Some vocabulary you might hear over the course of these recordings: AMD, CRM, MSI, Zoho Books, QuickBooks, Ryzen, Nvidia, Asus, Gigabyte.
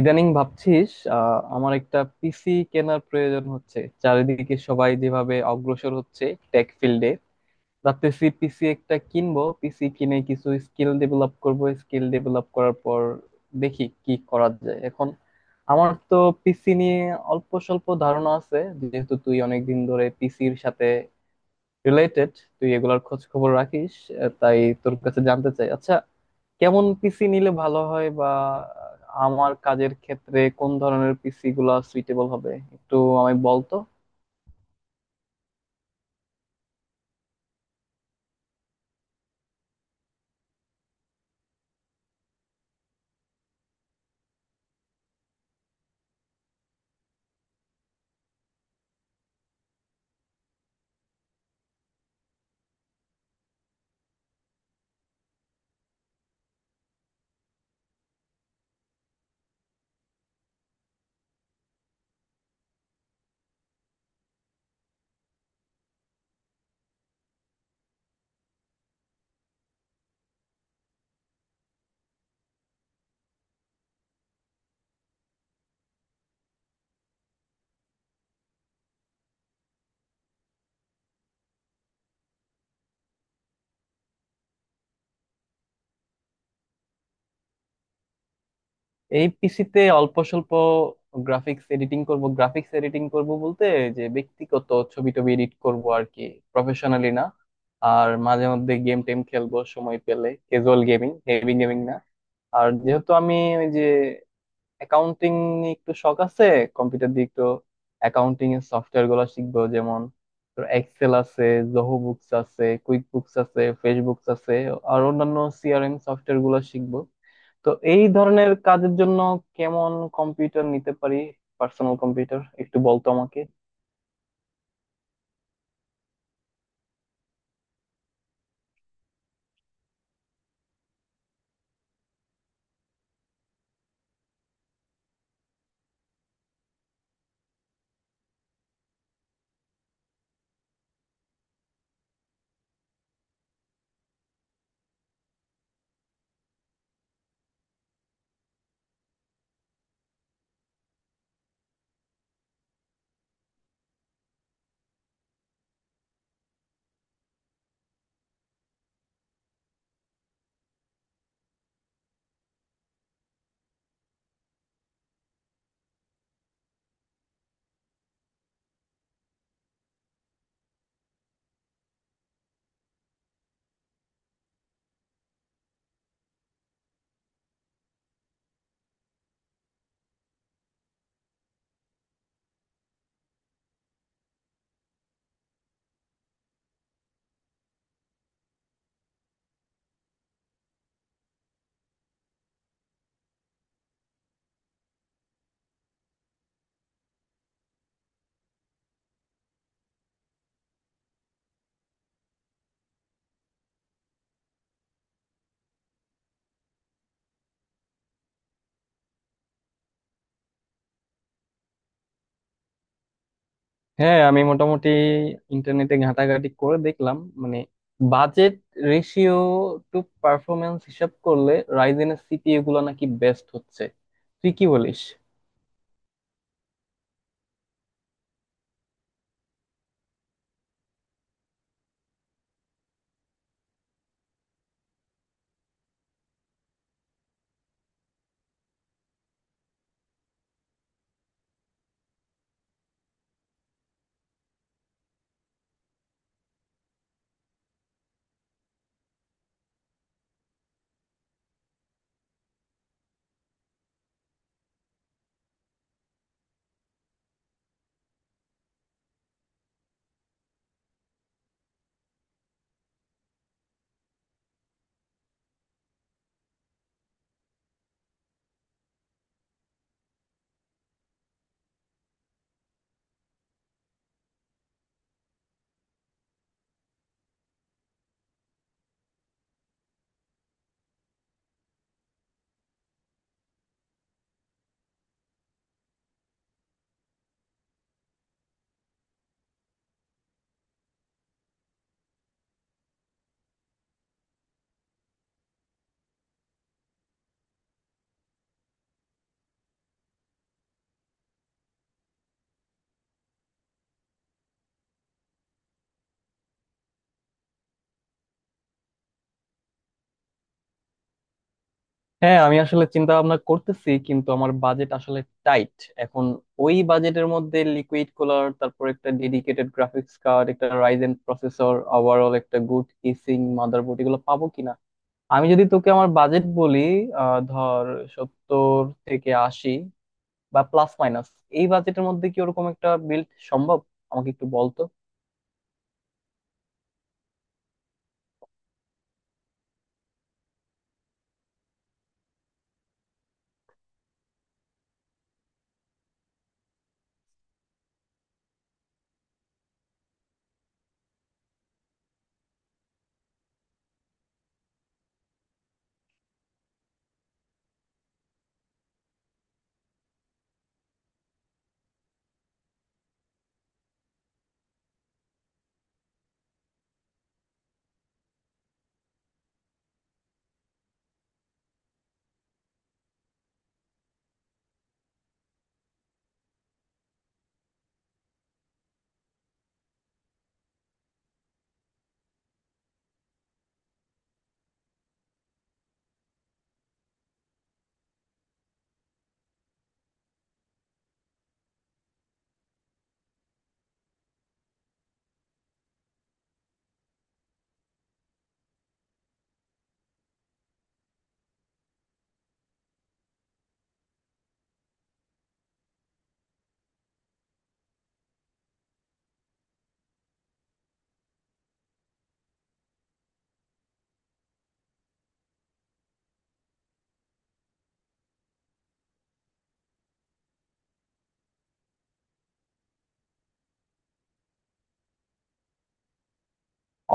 ইদানিং ভাবছিস আমার একটা পিসি কেনার প্রয়োজন হচ্ছে। চারিদিকে সবাই যেভাবে অগ্রসর হচ্ছে টেক ফিল্ডে, ভাবতেছি পিসি একটা কিনবো। পিসি কিনে কিছু স্কিল ডেভেলপ করব, স্কিল ডেভেলপ করার পর দেখি কি করা যায়। এখন আমার তো পিসি নিয়ে অল্প স্বল্প ধারণা আছে। যেহেতু তুই অনেকদিন ধরে পিসির সাথে রিলেটেড, তুই এগুলার খোঁজ খবর রাখিস। তাই তোর কাছে জানতে চাই। আচ্ছা, কেমন পিসি নিলে ভালো হয়, বা আমার কাজের ক্ষেত্রে কোন ধরনের পিসি গুলা সুইটেবল হবে একটু আমায় বলতো। এই পিসিতে অল্প স্বল্প গ্রাফিক্স এডিটিং করব। গ্রাফিক্স এডিটিং করব বলতে যে ব্যক্তিগত ছবি টবি এডিট করব আর কি, প্রফেশনালি না। আর মাঝে মধ্যে গেম টেম খেলবো সময় পেলে, ক্যাজুয়াল গেমিং, হেভি গেমিং না। আর যেহেতু আমি ওই যে অ্যাকাউন্টিং নিয়ে একটু শখ আছে, কম্পিউটার দিয়ে একটু অ্যাকাউন্টিং এর সফটওয়্যার গুলো শিখবো। যেমন তোর এক্সেল আছে, জোহো বুকস আছে, কুইক বুকস আছে, ফেসবুকস আছে, আর অন্যান্য সিআরএম সফটওয়্যার গুলো শিখবো। তো এই ধরনের কাজের জন্য কেমন কম্পিউটার নিতে পারি, পার্সোনাল কম্পিউটার, একটু বলতো আমাকে। হ্যাঁ, আমি মোটামুটি ইন্টারনেটে ঘাটাঘাটি করে দেখলাম, মানে বাজেট রেশিও টু পারফরমেন্স হিসাব করলে রাইজেনের সিপিইউ গুলো নাকি বেস্ট হচ্ছে। তুই কি বলিস? হ্যাঁ, আমি আসলে চিন্তা ভাবনা করতেছি, কিন্তু আমার বাজেট আসলে টাইট এখন। ওই বাজেটের মধ্যে লিকুইড কুলার, তারপর একটা ডেডিকেটেড গ্রাফিক্স কার্ড, একটা রাইজেন প্রসেসর, ওভারঅল একটা গুড কেসিং, মাদারবোর্ড, এগুলো পাবো কিনা? আমি যদি তোকে আমার বাজেট বলি, ধর 70 থেকে 80, বা প্লাস মাইনাস, এই বাজেটের মধ্যে কি ওরকম একটা বিল্ড সম্ভব আমাকে একটু বলতো।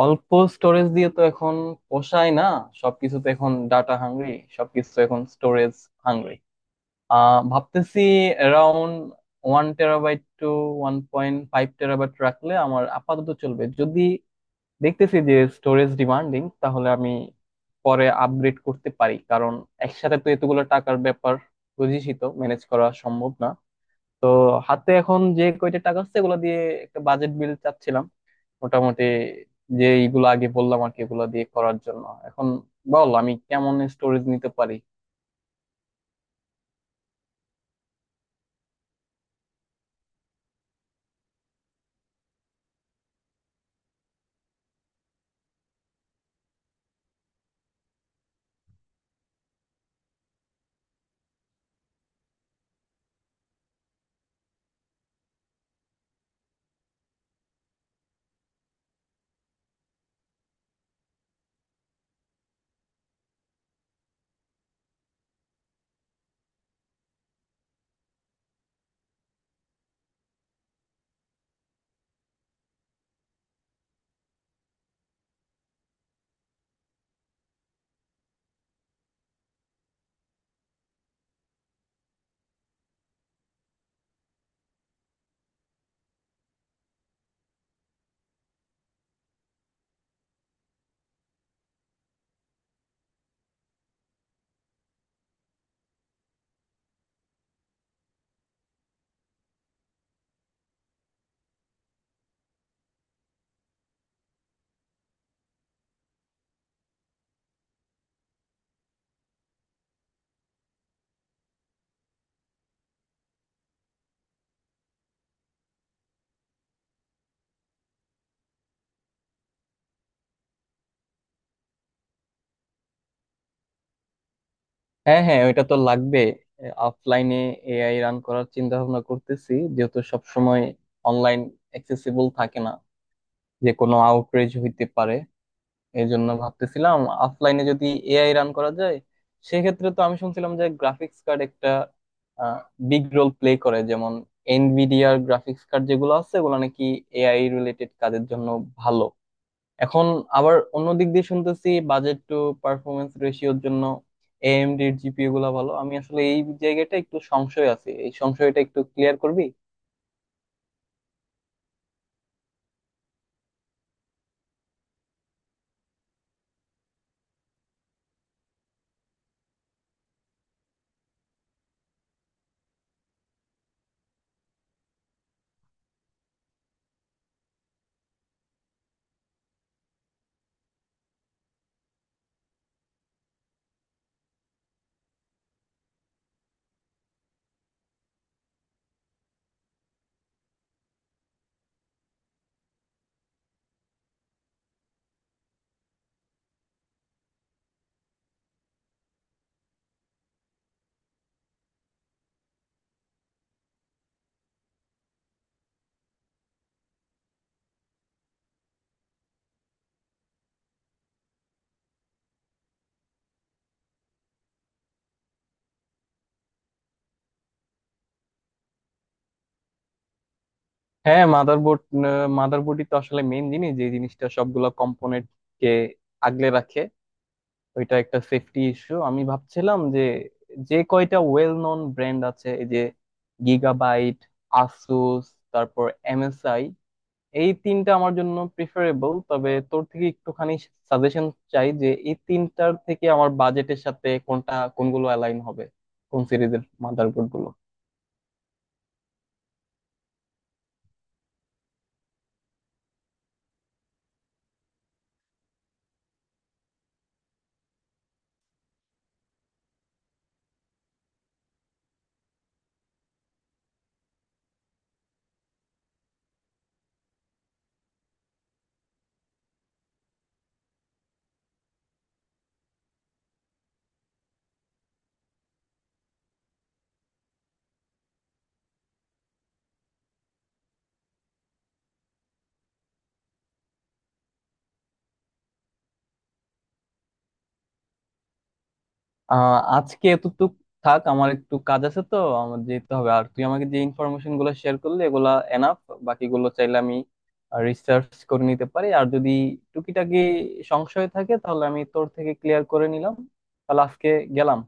অল্প স্টোরেজ দিয়ে তো এখন পোষায় না। সবকিছু তো এখন ডাটা হাংরি, সবকিছু তো এখন স্টোরেজ হাংরি। ভাবতেছি অ্যারাউন্ড 1 টেরাবাইট টু 1.5 টেরাবাইট রাখলে আমার আপাতত চলবে। যদি দেখতেছি যে স্টোরেজ ডিমান্ডিং, তাহলে আমি পরে আপগ্রেড করতে পারি। কারণ একসাথে তো এতগুলো টাকার ব্যাপার, বুঝিসই তো, ম্যানেজ করা সম্ভব না। তো হাতে এখন যে কয়টা টাকা আছে এগুলো দিয়ে একটা বাজেট বিল চাচ্ছিলাম মোটামুটি, যে এইগুলো আগে বললাম আর কি, এগুলো দিয়ে করার জন্য এখন বল আমি কেমন স্টোরেজ নিতে পারি। হ্যাঁ, হ্যাঁ, ওইটা তো লাগবে। অফলাইনে এআই রান করার চিন্তা ভাবনা করতেছি, যেহেতু সবসময় অনলাইন অ্যাক্সেসিবল থাকে না, যে কোনো আউটরেজ হইতে পারে। এই জন্য ভাবতেছিলাম অফলাইনে যদি এআই রান করা যায়, সেক্ষেত্রে তো আমি শুনছিলাম যে গ্রাফিক্স কার্ড একটা বিগ রোল প্লে করে। যেমন এনভিডিয়ার গ্রাফিক্স কার্ড যেগুলো আছে ওগুলো নাকি এআই রিলেটেড কাজের জন্য ভালো। এখন আবার অন্য দিক দিয়ে শুনতেছি বাজেট টু পারফরমেন্স রেশিওর জন্য এএমডির জিপিও গুলা ভালো। আমি আসলে এই জায়গাটা একটু সংশয় আছে, এই সংশয়টা একটু ক্লিয়ার করবি। হ্যাঁ, মাদারবোর্ড, মাদারবোর্ডই তো আসলে মেইন জিনিস, যে জিনিসটা সবগুলা কম্পোনেন্ট কে আগলে রাখে। ওইটা একটা সেফটি ইস্যু। আমি ভাবছিলাম যে যে কয়টা ওয়েল নন ব্র্যান্ড আছে, এই যে গিগাবাইট, আসুস, তারপর এমএসআই, এই তিনটা আমার জন্য প্রিফারেবল। তবে তোর থেকে একটুখানি সাজেশন চাই যে এই তিনটার থেকে আমার বাজেটের সাথে কোনটা কোনগুলো অ্যালাইন হবে, কোন সিরিজের মাদারবোর্ড গুলো। আজকে এতটুক থাক, আমার একটু কাজ আছে তো, আমার যেতে হবে। আর তুই আমাকে যে ইনফরমেশন গুলো শেয়ার করলি এগুলা এনাফ। বাকিগুলো চাইলে আমি রিসার্চ করে নিতে পারি, আর যদি টুকিটাকি সংশয় থাকে তাহলে আমি তোর থেকে ক্লিয়ার করে নিলাম। তাহলে আজকে গেলাম।